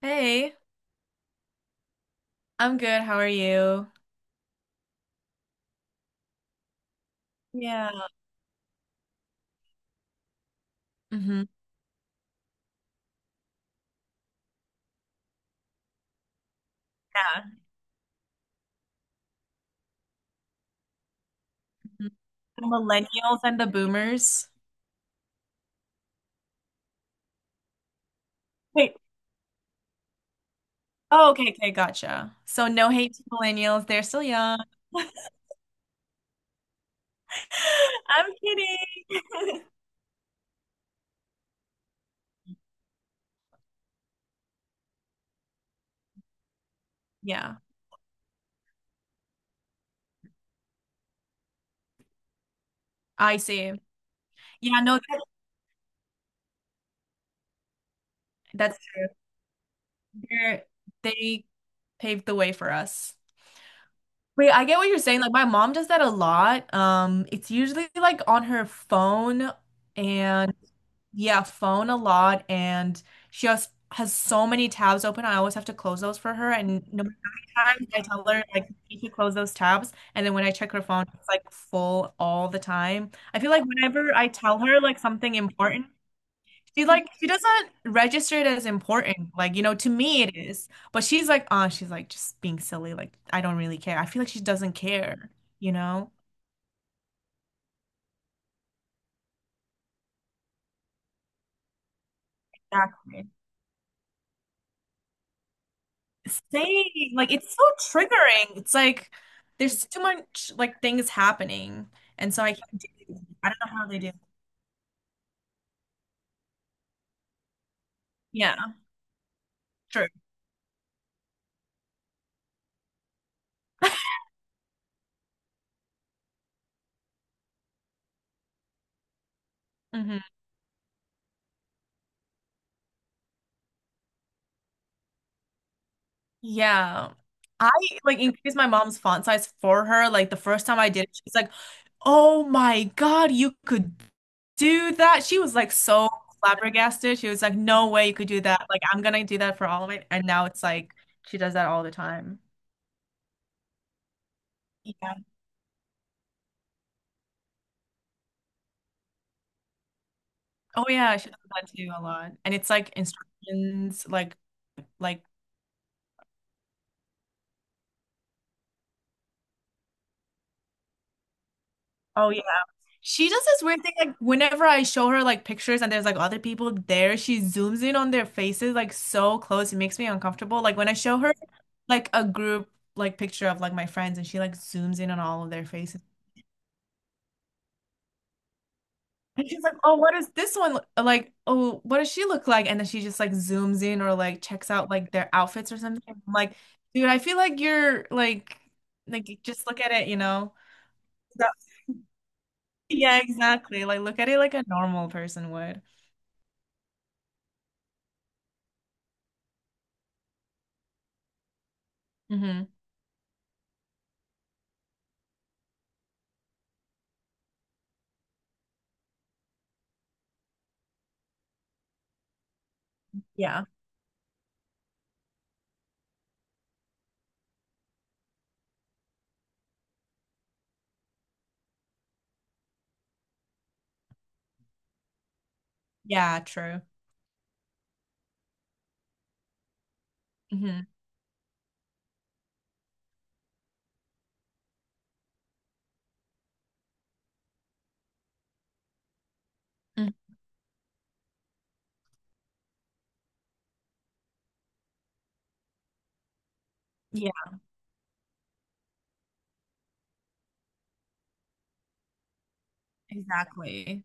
Hey, I'm good. How are you? Yeah. Hmm. Yeah. Mhm. The millennials and the boomers. Wait. Oh, okay, okay, gotcha. So no hate to millennials. They're still young. I'm kidding. Yeah, I see. Yeah, no, that's true. They're, they paved the way for us. Wait, I get what you're saying. Like my mom does that a lot. It's usually like on her phone and yeah, phone a lot, and she has so many tabs open. I always have to close those for her, and no matter how many times I tell her like you should close those tabs, and then when I check her phone, it's like full all the time. I feel like whenever I tell her like something important, she's like she doesn't register it as important. Like you know, to me it is, but she's like, oh, she's like just being silly. Like I don't really care. I feel like she doesn't care. You know? Exactly. Same. Like it's so triggering. It's like there's too much like things happening, and so I can't do it. I don't know how they do. Yeah, true. Hmm. Yeah. I like increased my mom's font size for her. Like the first time I did it, she was like, "Oh my God, you could do that." She was like so flabbergasted. She was like, "No way you could do that. Like I'm gonna do that for all of it." And now it's like she does that all the time. Yeah. Oh yeah, she does that too a lot. And it's like instructions, like oh yeah. She does this weird thing like whenever I show her like pictures and there's like other people there, she zooms in on their faces like so close. It makes me uncomfortable. Like when I show her like a group like picture of like my friends and she like zooms in on all of their faces. And she's like, "Oh, what does this one look like? Oh, what does she look like?" And then she just like zooms in or like checks out like their outfits or something. I'm like, "Dude, I feel like you're like just look at it, you know?" Yeah, exactly. Like look at it like a normal person would. Hmm. Yeah. Yeah, true. Hmm. Yeah, exactly.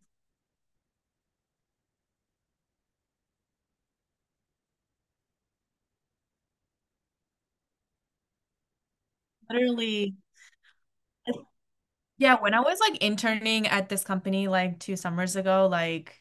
Literally. Yeah, when I was like interning at this company like two summers ago, like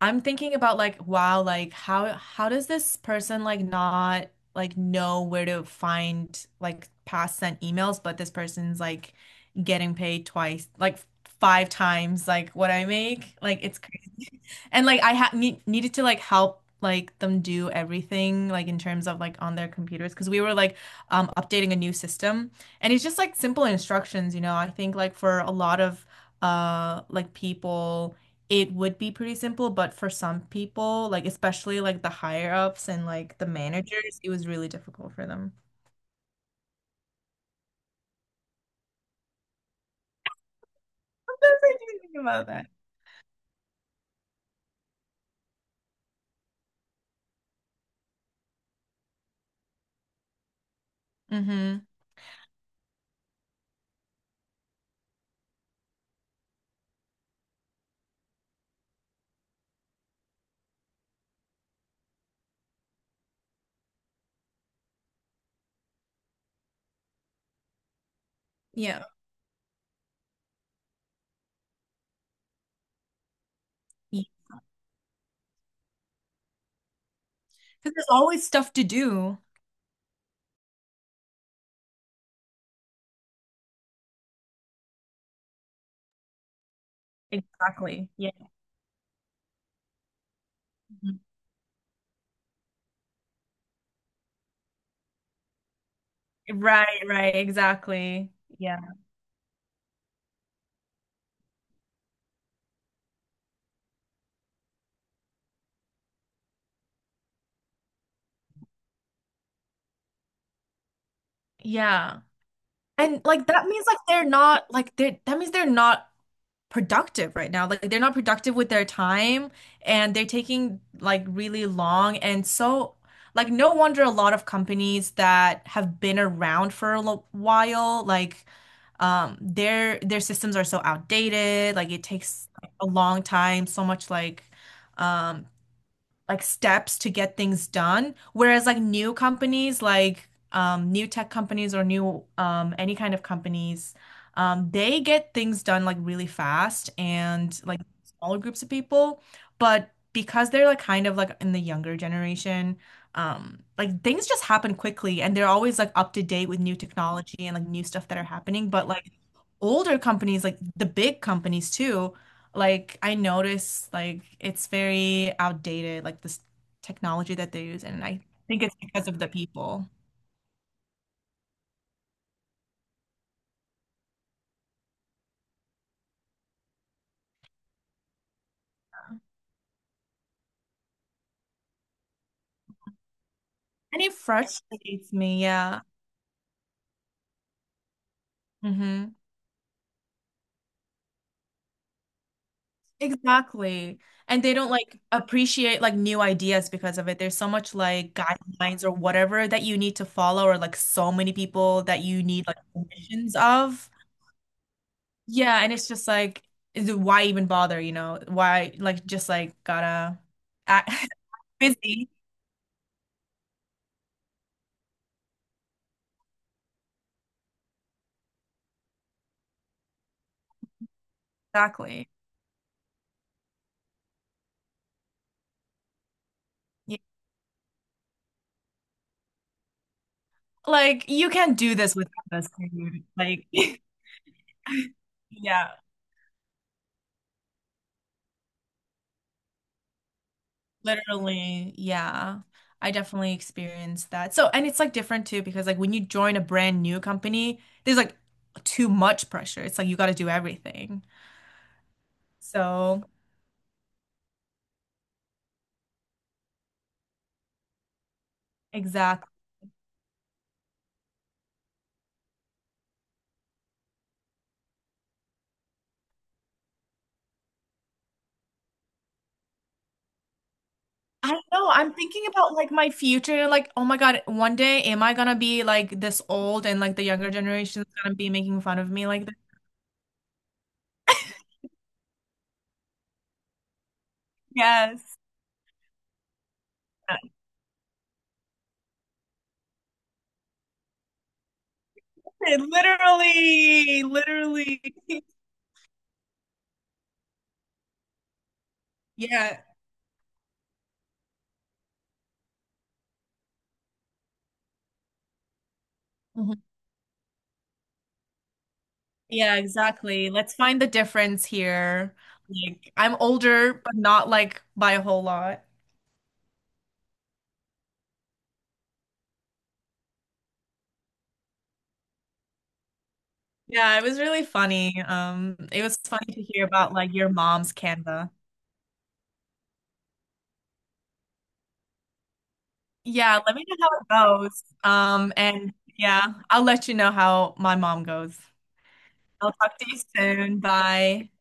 I'm thinking about like, wow, like how does this person like not like know where to find like past sent emails, but this person's like getting paid twice, like five times like what I make. Like it's crazy. And like I ha need needed to like help like them do everything like in terms of like on their computers because we were like updating a new system and it's just like simple instructions, you know. I think like for a lot of like people it would be pretty simple, but for some people, like especially like the higher ups and like the managers, it was really difficult for them. Sometimes I do think about that. Mm-hmm. Yeah. Because there's always stuff to do. Exactly. Yeah. Mhm. Right, right, exactly. Yeah. Yeah. And like that means like they're not like they that means they're not productive right now. Like they're not productive with their time and they're taking like really long and so like no wonder a lot of companies that have been around for a lo- while like their systems are so outdated. Like it takes a long time, so much um like steps to get things done. Whereas like new companies, like new tech companies or new any kind of companies, they get things done like really fast and like smaller groups of people. But because they're like kind of like in the younger generation, like things just happen quickly and they're always like up to date with new technology and like new stuff that are happening. But like older companies, like the big companies too, like I notice like it's very outdated, like this technology that they use, and I think it's because of the people. And it frustrates me, yeah. Hmm. Exactly. And they don't like appreciate like new ideas because of it. There's so much like guidelines or whatever that you need to follow, or like so many people that you need like permissions of. Yeah, and it's just like, is it- why even bother, you know? Why, like, just like, gotta act busy. Exactly. Yeah. Like, you can't do this without us, dude. Like, yeah, literally. Yeah. I definitely experienced that. So, and it's like different too, because like when you join a brand new company, there's like too much pressure. It's like you gotta do everything. So, exactly. I don't know. I'm thinking about like my future. Like, oh my God, one day am I gonna be like this old and like the younger generation's gonna be making fun of me like this? Yes. Literally, literally. Yeah. Mhm. Yeah, exactly. Let's find the difference here. Like, I'm older, but not like by a whole lot. Yeah, it was really funny. It was funny to hear about like your mom's Canva. Yeah, let me know how it goes. And yeah, I'll let you know how my mom goes. I'll talk to you soon. Bye.